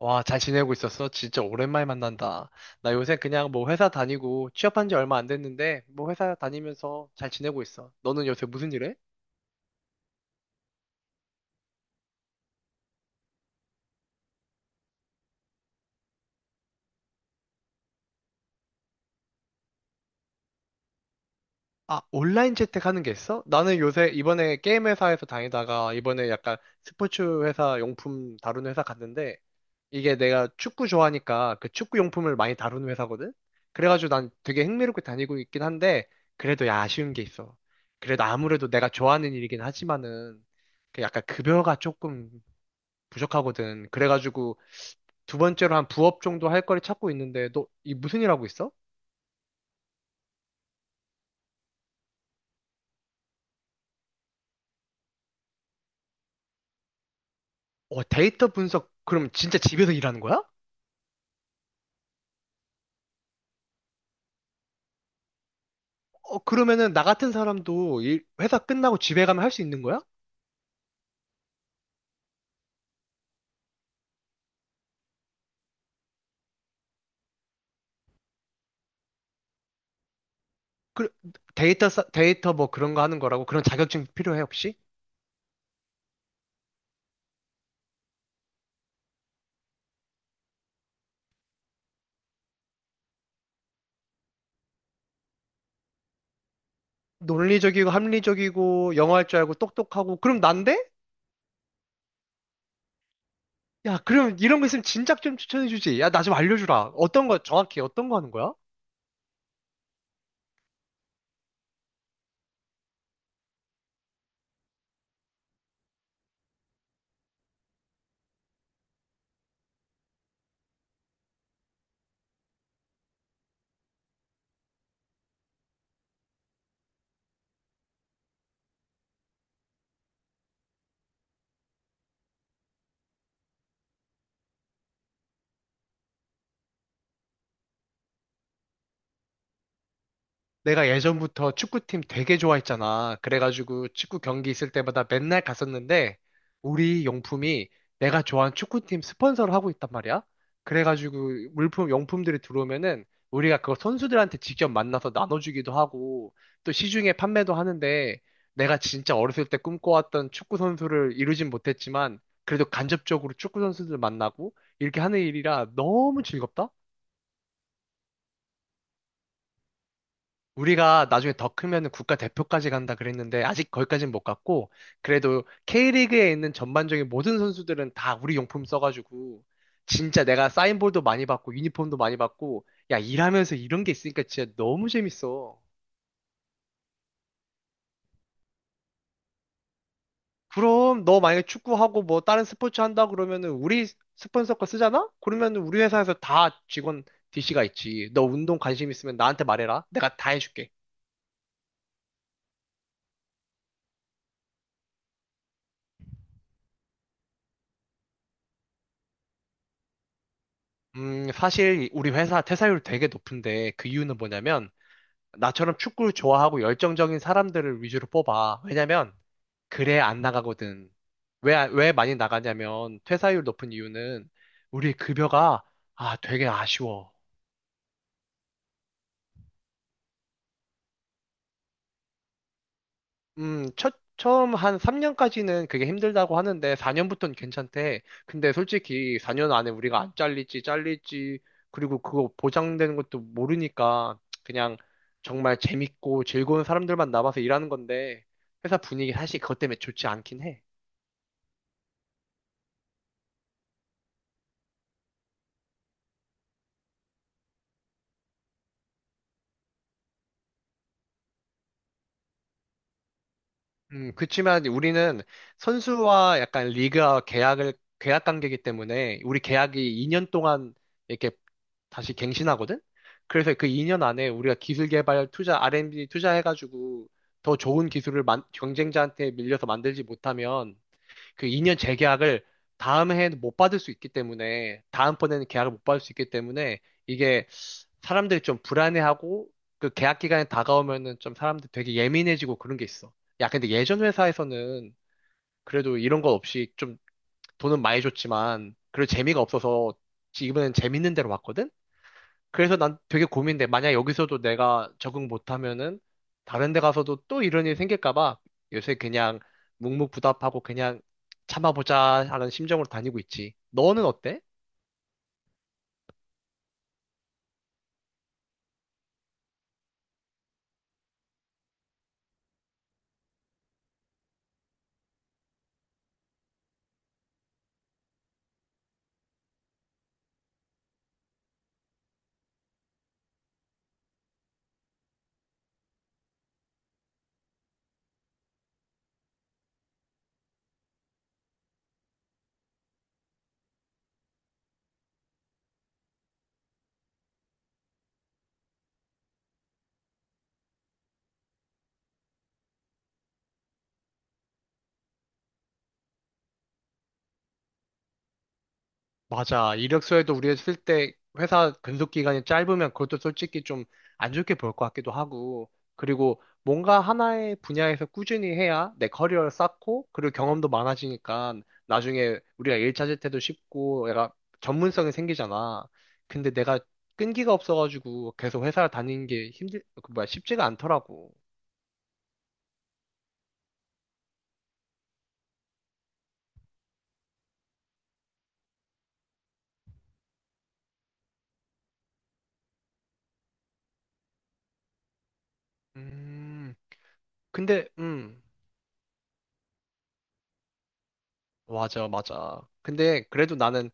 와, 잘 지내고 있었어? 진짜 오랜만에 만난다. 나 요새 그냥 뭐 회사 다니고 취업한 지 얼마 안 됐는데 뭐 회사 다니면서 잘 지내고 있어. 너는 요새 무슨 일 해? 아, 온라인 재택하는 게 있어? 나는 요새 이번에 게임 회사에서 다니다가 이번에 약간 스포츠 회사 용품 다루는 회사 갔는데 이게 내가 축구 좋아하니까 그 축구 용품을 많이 다루는 회사거든? 그래가지고 난 되게 흥미롭게 다니고 있긴 한데 그래도 야, 아쉬운 게 있어. 그래도 아무래도 내가 좋아하는 일이긴 하지만은 그 약간 급여가 조금 부족하거든. 그래가지고 두 번째로 한 부업 정도 할 거를 찾고 있는데 너 이 무슨 일 하고 있어? 어, 데이터 분석 그럼 진짜 집에서 일하는 거야? 어, 그러면은 나 같은 사람도 일, 회사 끝나고 집에 가면 할 수 있는 거야? 그 데이터 뭐 그런 거 하는 거라고 그런 자격증 필요해 혹시? 논리적이고 합리적이고 영어 할 줄 알고 똑똑하고 그럼 난데? 야, 그럼 이런 거 있으면 진작 좀 추천해 주지. 야, 나 좀 알려주라. 어떤 거 정확히 어떤 거 하는 거야? 내가 예전부터 축구팀 되게 좋아했잖아. 그래가지고 축구 경기 있을 때마다 맨날 갔었는데 우리 용품이 내가 좋아하는 축구팀 스폰서를 하고 있단 말이야. 그래가지고 물품, 용품들이 들어오면은 우리가 그걸 선수들한테 직접 만나서 나눠주기도 하고 또 시중에 판매도 하는데 내가 진짜 어렸을 때 꿈꿔왔던 축구 선수를 이루진 못했지만 그래도 간접적으로 축구 선수들 만나고 이렇게 하는 일이라 너무 즐겁다. 우리가 나중에 더 크면 국가 대표까지 간다 그랬는데 아직 거기까지는 못 갔고 그래도 K리그에 있는 전반적인 모든 선수들은 다 우리 용품 써가지고 진짜 내가 사인볼도 많이 받고 유니폼도 많이 받고 야 일하면서 이런 게 있으니까 진짜 너무 재밌어. 그럼 너 만약에 축구하고 뭐 다른 스포츠 한다 그러면은 우리 스폰서 거 쓰잖아? 그러면은 우리 회사에서 다 직원 DC가 있지. 너 운동 관심 있으면 나한테 말해라. 내가 다 해줄게. 사실 우리 회사 퇴사율 되게 높은데 그 이유는 뭐냐면 나처럼 축구를 좋아하고 열정적인 사람들을 위주로 뽑아. 왜냐면, 그래 안 나가거든. 왜, 안- 왜 많이 나가냐면, 퇴사율 높은 이유는 우리 급여가, 아, 되게 아쉬워. 처음 한 3년까지는 그게 힘들다고 하는데, 4년부터는 괜찮대. 근데 솔직히 4년 안에 우리가 안 잘릴지, 잘릴지, 그리고 그거 보장되는 것도 모르니까, 그냥 정말 재밌고 즐거운 사람들만 남아서 일하는 건데, 회사 분위기 사실 그것 때문에 좋지 않긴 해. 그치만 우리는 선수와 약간 리그와 계약을, 계약 관계이기 때문에 우리 계약이 2년 동안 이렇게 다시 갱신하거든? 그래서 그 2년 안에 우리가 기술 개발 투자, R&D 투자해가지고 더 좋은 경쟁자한테 밀려서 만들지 못하면 그 2년 재계약을 다음 해에는 못 받을 수 있기 때문에 다음번에는 계약을 못 받을 수 있기 때문에 이게 사람들이 좀 불안해하고 그 계약 기간이 다가오면은 좀 사람들 되게 예민해지고 그런 게 있어. 야, 근데 예전 회사에서는 그래도 이런 거 없이 좀 돈은 많이 줬지만 그래도 재미가 없어서 이번엔 재밌는 데로 왔거든? 그래서 난 되게 고민돼. 만약 여기서도 내가 적응 못하면은 다른 데 가서도 또 이런 일이 생길까 봐 요새 그냥 묵묵부답하고 그냥 참아보자 하는 심정으로 다니고 있지. 너는 어때? 맞아. 이력서에도 우리가 쓸 때 회사 근속 기간이 짧으면 그것도 솔직히 좀 안 좋게 볼 것 같기도 하고, 그리고 뭔가 하나의 분야에서 꾸준히 해야 내 커리어를 쌓고, 그리고 경험도 많아지니까 나중에 우리가 일 찾을 때도 쉽고, 내가 전문성이 생기잖아. 근데 내가 끈기가 없어가지고 계속 회사를 다니는 게 힘들, 그 뭐야, 쉽지가 않더라고. 음, 근데, 음, 맞아, 맞아. 근데 그래도 나는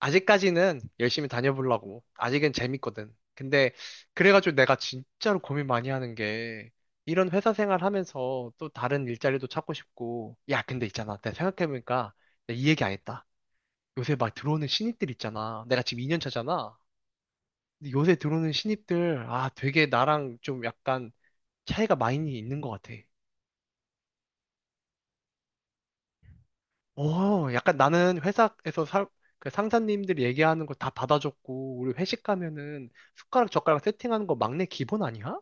아직까지는 열심히 다녀보려고. 아직은 재밌거든. 근데 그래가지고 내가 진짜로 고민 많이 하는 게 이런 회사 생활 하면서 또 다른 일자리도 찾고 싶고. 야, 근데 있잖아. 내가 생각해보니까 내가 이 얘기 안 했다. 요새 막 들어오는 신입들 있잖아. 내가 지금 2년 차잖아. 근데 요새 들어오는 신입들, 아, 되게 나랑 좀 약간 차이가 많이 있는 것 같아. 어, 약간 나는 그 상사님들이 얘기하는 거 다 받아줬고, 우리 회식 가면은 숟가락 젓가락 세팅하는 거 막내 기본 아니야?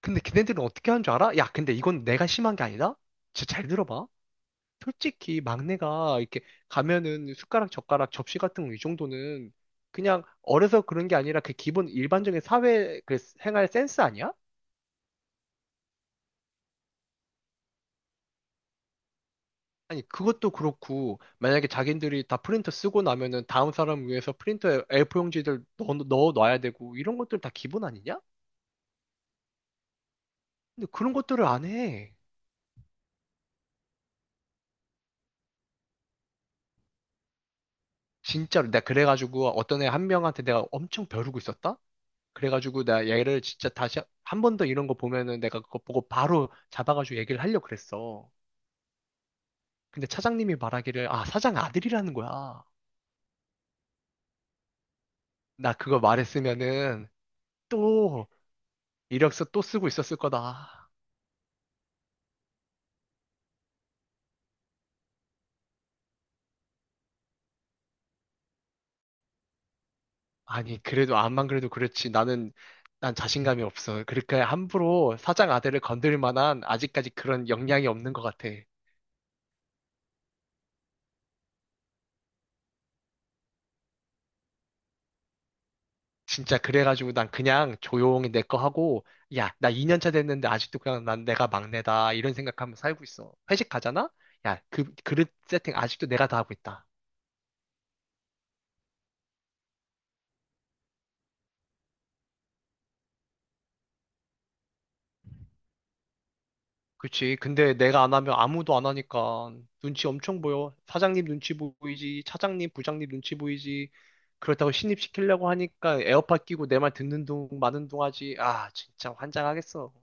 근데 걔네들은 어떻게 하는 줄 알아? 야, 근데 이건 내가 심한 게 아니다? 진짜 잘 들어봐. 솔직히 막내가 이렇게 가면은 숟가락 젓가락 접시 같은 거 이 정도는 그냥 어려서 그런 게 아니라 그 기본 일반적인 사회 그 생활 센스 아니야? 아니, 그것도 그렇고, 만약에 자기들이 다 프린터 쓰고 나면은 다음 사람 위해서 프린터에 A4용지들 넣어 놔야 되고, 이런 것들 다 기본 아니냐? 근데 그런 것들을 안 해. 진짜로. 내가 그래가지고 어떤 애 한 명한테 내가 엄청 벼르고 있었다? 그래가지고 내가 얘를 진짜 다시 한 번 더 이런 거 보면은 내가 그거 보고 바로 잡아가지고 얘기를 하려고 그랬어. 근데 차장님이 말하기를, 아, 사장 아들이라는 거야. 나 그거 말했으면은 또 이력서 또 쓰고 있었을 거다. 아니, 그래도 암만 그래도 그렇지. 난 자신감이 없어. 그러니까 함부로 사장 아들을 건들 만한 아직까지 그런 역량이 없는 것 같아. 진짜 그래가지고 난 그냥 조용히 내 거 하고, 야, 나 2년 차 됐는데 아직도 그냥 난 내가 막내다. 이런 생각하면서 살고 있어. 회식 가잖아? 야, 그, 그릇 세팅 아직도 내가 다 하고 있다. 그치. 근데 내가 안 하면 아무도 안 하니까 눈치 엄청 보여. 사장님 눈치 보이지. 차장님, 부장님 눈치 보이지. 그렇다고 신입시키려고 하니까 에어팟 끼고 내 말 듣는 둥 마는 둥 하지. 아, 진짜 환장하겠어.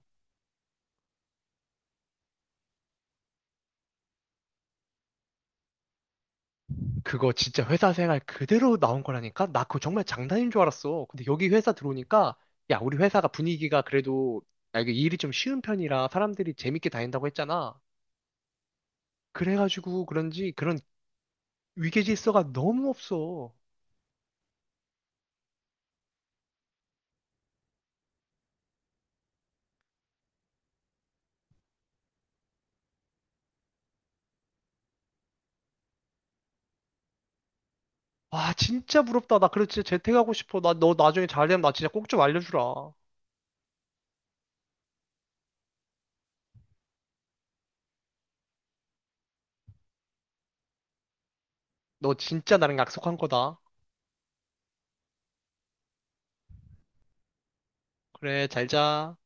그거 진짜 회사 생활 그대로 나온 거라니까? 나 그거 정말 장난인 줄 알았어. 근데 여기 회사 들어오니까, 야, 우리 회사가 분위기가 그래도, 아, 이게 일이 좀 쉬운 편이라 사람들이 재밌게 다닌다고 했잖아. 그래가지고 그런지 그런 위계질서가 너무 없어. 와, 진짜 부럽다. 나 그래 진짜 재택하고 싶어. 나 너 나중에 잘 되면 나 진짜 꼭 좀 알려주라. 너 진짜 나랑 약속한 거다. 그래, 잘 자.